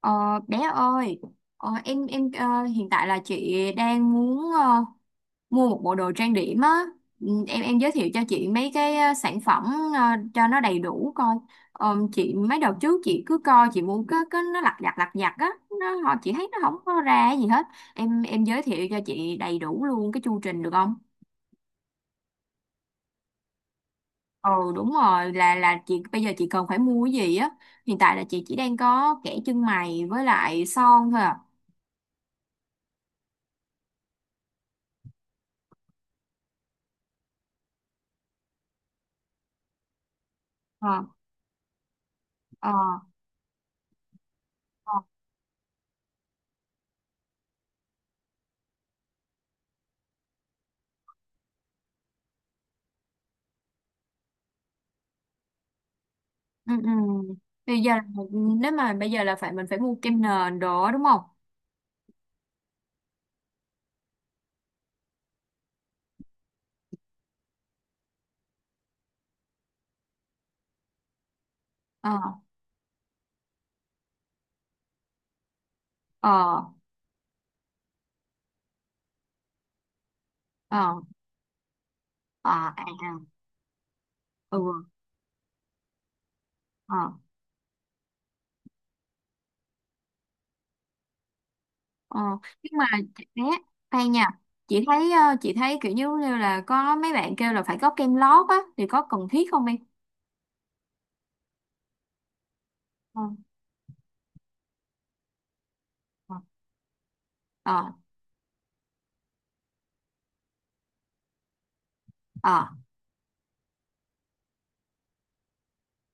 Ờ, Bé ơi, em hiện tại là chị đang muốn mua một bộ đồ trang điểm á. Ừ, em giới thiệu cho chị mấy cái sản phẩm ờ, cho nó đầy đủ coi. Chị mấy đợt trước chị cứ coi chị mua cái nó lặt vặt á, nó họ chị thấy nó không có ra cái gì hết. Em giới thiệu cho chị đầy đủ luôn cái chu trình được không? Ừ, đúng rồi, là chị bây giờ chị cần phải mua cái gì á. Hiện tại là chị chỉ đang có kẻ chân mày với lại son thôi à. Ờ. Ờ. Ờ. Ừ, ừ. Bây giờ nếu mà bây giờ là phải mình phải mua kem nền đó đúng không? Ờ. Ờ. Ờ. Ờ, à. À. Ừ. Ờ. Ờ, nhưng mà chị- bé, khoan nha. Chị thấy, chị thấy kiểu như như là có mấy bạn kêu là phải có kem lót á thì có cần thiết không em? Ờ. Ờ. Ờ. Ờ.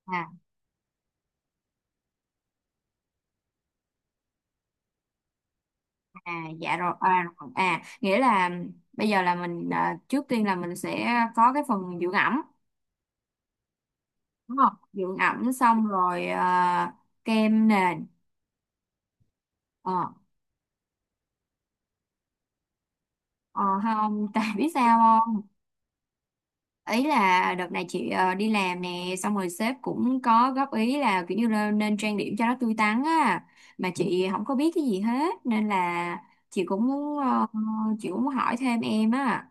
À. À, dạ rồi. À, rồi. À, nghĩa là bây giờ là mình trước tiên là mình sẽ có cái phần dưỡng ẩm đúng không? Dưỡng ẩm xong rồi, kem nền. ờ, Ờ không, tại biết sao không? Ý là đợt này chị đi làm nè, xong rồi sếp cũng có góp ý là kiểu như là nên trang điểm cho nó tươi tắn á, mà chị không có biết cái gì hết nên là chị cũng muốn, chị cũng muốn hỏi thêm em á.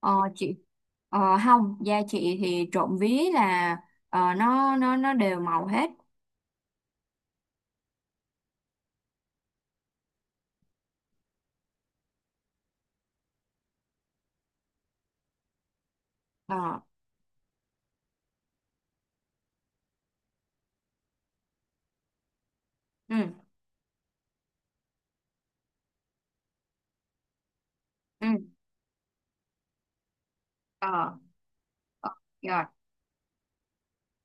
Ờ chị, không, da chị thì trộm vía là nó đều màu hết. Ờ. Ừ. Ừ. Ờ. Ờ, rồi.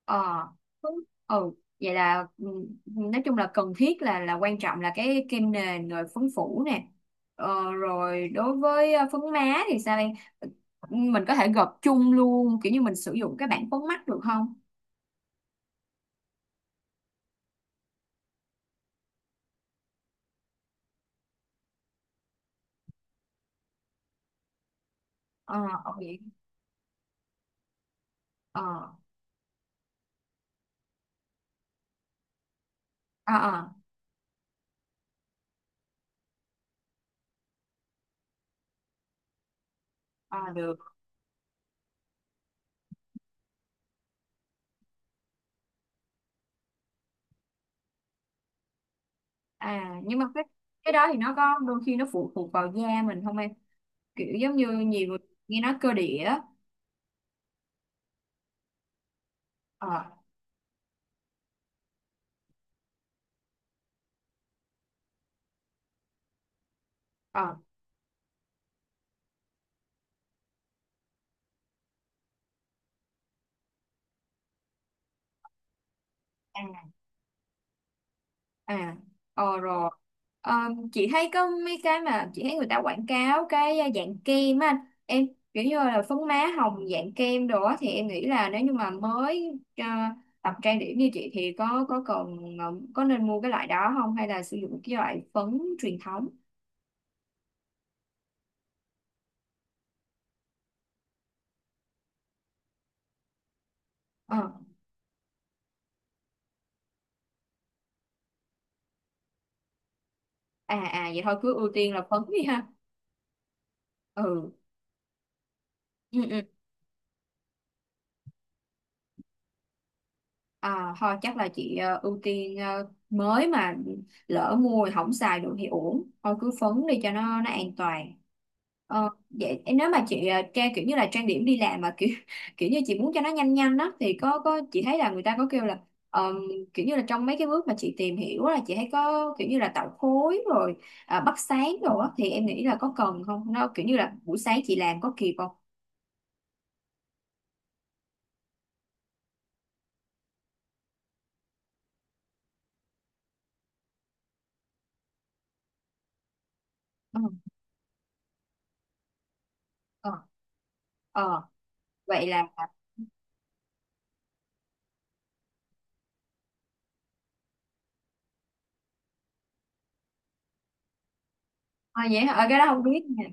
Ờ, đúng. Ừ, vậy là, ừ, nói chung là cần thiết là quan trọng là cái kem nền rồi phấn phủ nè. Rồi đối với phấn má thì sao em? Ừ, mình có thể gộp chung luôn kiểu như mình sử dụng cái bảng phấn mắt được không? Ờ. Ờ, vậy. Ờ. Ờ. Ờ. Ờ, được. À, nhưng mà cái đó thì nó có đôi khi nó phụ thuộc vào da mình không em? Kiểu giống như nhiều người nghe nói cơ địa á. Ờ. Ờ. À. Ờ, rồi. Ờ, chị thấy có mấy cái mà chị thấy người ta quảng cáo cái dạng kem á anh. Em kiểu như là phấn má hồng dạng kem đồ á thì em nghĩ là nếu như mà mới, tập trang điểm như chị thì có cần, có nên mua cái loại đó không hay là sử dụng cái loại phấn truyền thống? Ờ. À à, vậy thôi cứ ưu tiên là phấn đi ha. Ừ. Ừ, ừ. À, thôi chắc là chị ưu tiên, mới mà lỡ mua rồi không xài được thì uổng, thôi cứ phấn đi cho nó an toàn. Vậy nếu mà chị trang kiểu như là trang điểm đi làm mà kiểu kiểu như chị muốn cho nó nhanh nhanh đó thì có chị thấy là người ta có kêu là ờm, kiểu như là trong mấy cái bước mà chị tìm hiểu á, là chị thấy có kiểu như là tạo khối rồi à, bắt sáng rồi á thì em nghĩ là có cần không, nó kiểu như là buổi sáng chị làm có kịp không? Ừ. Ờ. Ờ, vậy là ờ. Vậy hả? Ờ, cái đó không biết nha.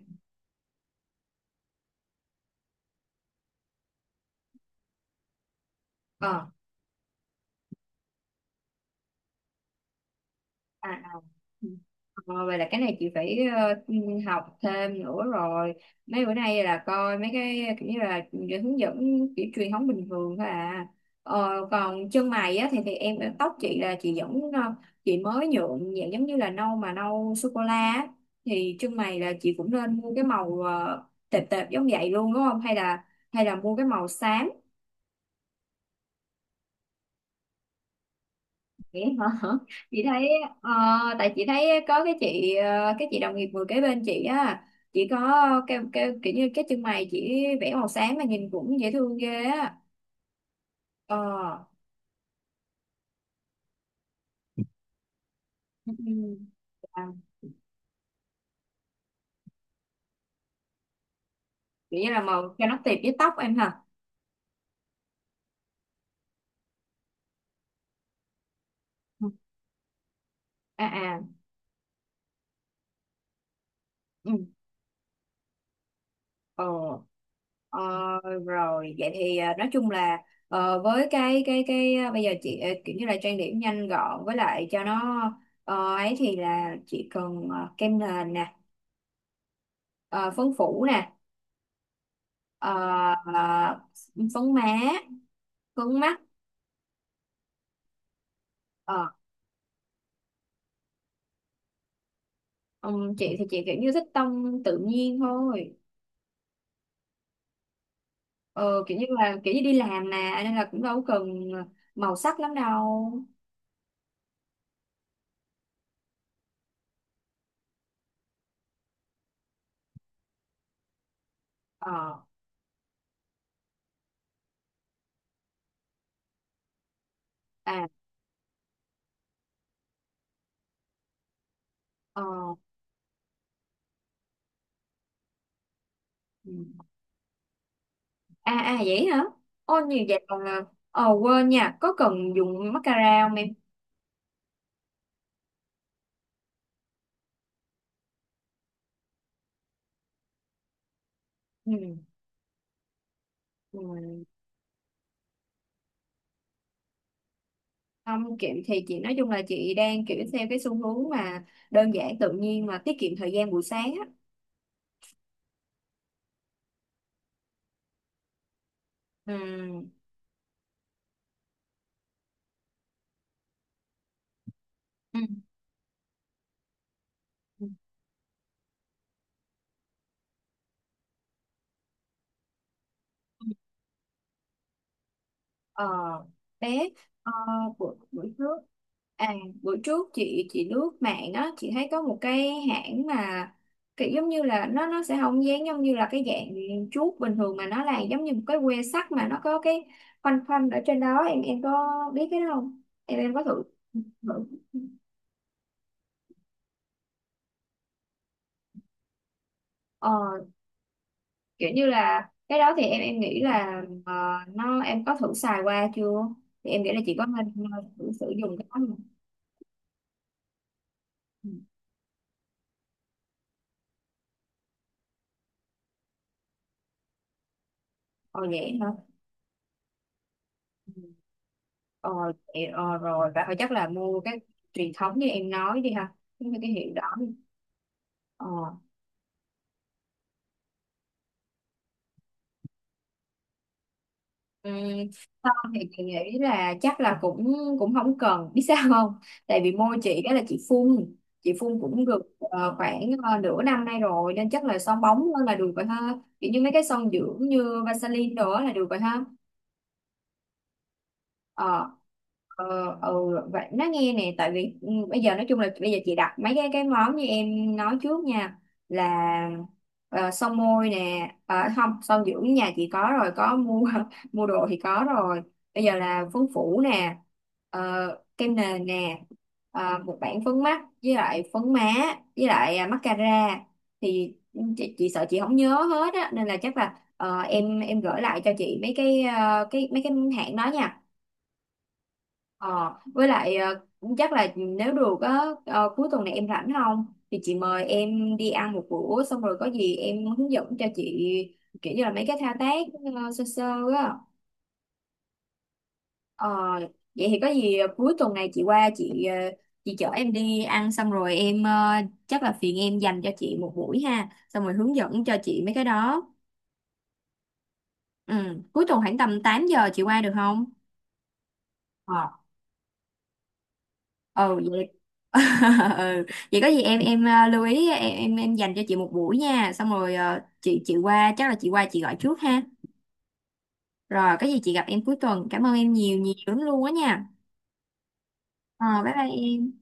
Ờ. À, à. Ừ. Ờ, vậy là cái này chị phải học thêm nữa rồi. Mấy bữa nay là coi mấy cái kiểu như là hướng dẫn kiểu truyền thống bình thường thôi à. Còn chân mày á thì em, tóc chị là chị vẫn, chị mới nhuộm dạng giống như là nâu mà nâu sô cô la á. Thì chân mày là chị cũng nên mua cái màu tệp tệp giống vậy luôn đúng không, hay là hay là mua cái màu xám? Vậy hả? Chị thấy, ờ, tại chị thấy có cái chị, cái chị đồng nghiệp ngồi kế bên chị á, chị có cái kiểu như cái chân mày chị vẽ màu sáng mà nhìn cũng dễ thương ghê á. Ờ. Ừ, à, kiểu như là màu cho nó tiệp với tóc em hả? Ừ. À à. Ừ. Ờ. Ờ, rồi vậy thì nói chung là với cái cái bây giờ chị kiểu như là trang điểm nhanh gọn với lại cho nó ấy thì là chị cần kem nền nè, ờ, phấn phủ nè. Ờ. ờ, Phấn má, phấn mắt. Ờ. Ừm, chị thì chị kiểu như thích tông tự nhiên thôi. Ờ, Kiểu như là kiểu như đi làm mà nên là cũng đâu cần màu sắc lắm đâu. Ờ. À. Ờ. Ừm. À à, vậy hả? Ô nhiều vậy còn là quên nha, có cần dùng mascara không em? Ừ. Ừ. Không kiểu thì chị nói chung là chị đang kiểu theo cái xu hướng mà đơn giản tự nhiên mà tiết kiệm thời gian buổi sáng á. Ừ. Ừ. Ờ, bé. ờ, buổi buổi trước, à buổi trước chị lướt mạng á, chị thấy có một cái hãng mà kiểu giống như là nó sẽ không dán giống như là cái dạng chuốt bình thường mà nó là giống như một cái que sắt mà nó có cái khoanh khoanh ở trên đó. Em có biết cái đó không, em em có thử thử? Ờ, kiểu như là cái đó thì em nghĩ là nó em có thử xài qua chưa, thì em nghĩ là chị có nên thử sử dụng cái đó không? Ừ. Ờ vậy hả? Ừ. Ờ, vậy- ờ rồi vậy thôi chắc là mua cái truyền thống như em nói đi ha, cái hiệu đó đi. Ờ. Ừ, xong thì chị nghĩ là chắc là cũng cũng không cần biết sao không? Tại vì môi chị đó là chị phun, chị phun cũng được khoảng nửa năm nay rồi nên chắc là son bóng hơn là được rồi ha, kiểu như mấy cái son dưỡng như Vaseline đó là được rồi ha. Ờ. Ờ. Ừ, vậy nó nghe nè, tại vì ừ, bây giờ nói chung là bây giờ chị đặt mấy cái món như em nói trước nha. Là son môi nè, không son dưỡng nhà chị có rồi, có mua mua đồ thì có rồi. Bây giờ là phấn phủ nè, ờ, kem nền nè, một bảng phấn mắt với lại phấn má, với lại à, mascara. Thì chị sợ chị không nhớ hết á nên là chắc là em gửi lại cho chị mấy cái cái mấy cái hãng đó nha. Ờ, với lại cũng chắc là nếu được á, cuối tuần này em rảnh không thì chị mời em đi ăn một bữa, xong rồi có gì em hướng dẫn cho chị kiểu như là mấy cái thao tác sơ sơ á. Ờ, vậy thì có gì cuối tuần này chị qua chị, chị chở em đi ăn, xong rồi em, chắc là phiền em dành cho chị một buổi ha, xong rồi hướng dẫn cho chị mấy cái đó. Ừ. Cuối tuần khoảng tầm 8 giờ chị qua được không? Ừ vậy. Ừ. Vậy có gì em lưu ý, em dành cho chị một buổi nha, xong rồi chị qua chắc là chị qua chị gọi trước ha. Rồi có gì chị gặp em cuối tuần, cảm ơn em nhiều nhiều lắm luôn á nha. Ờ, bye bye em.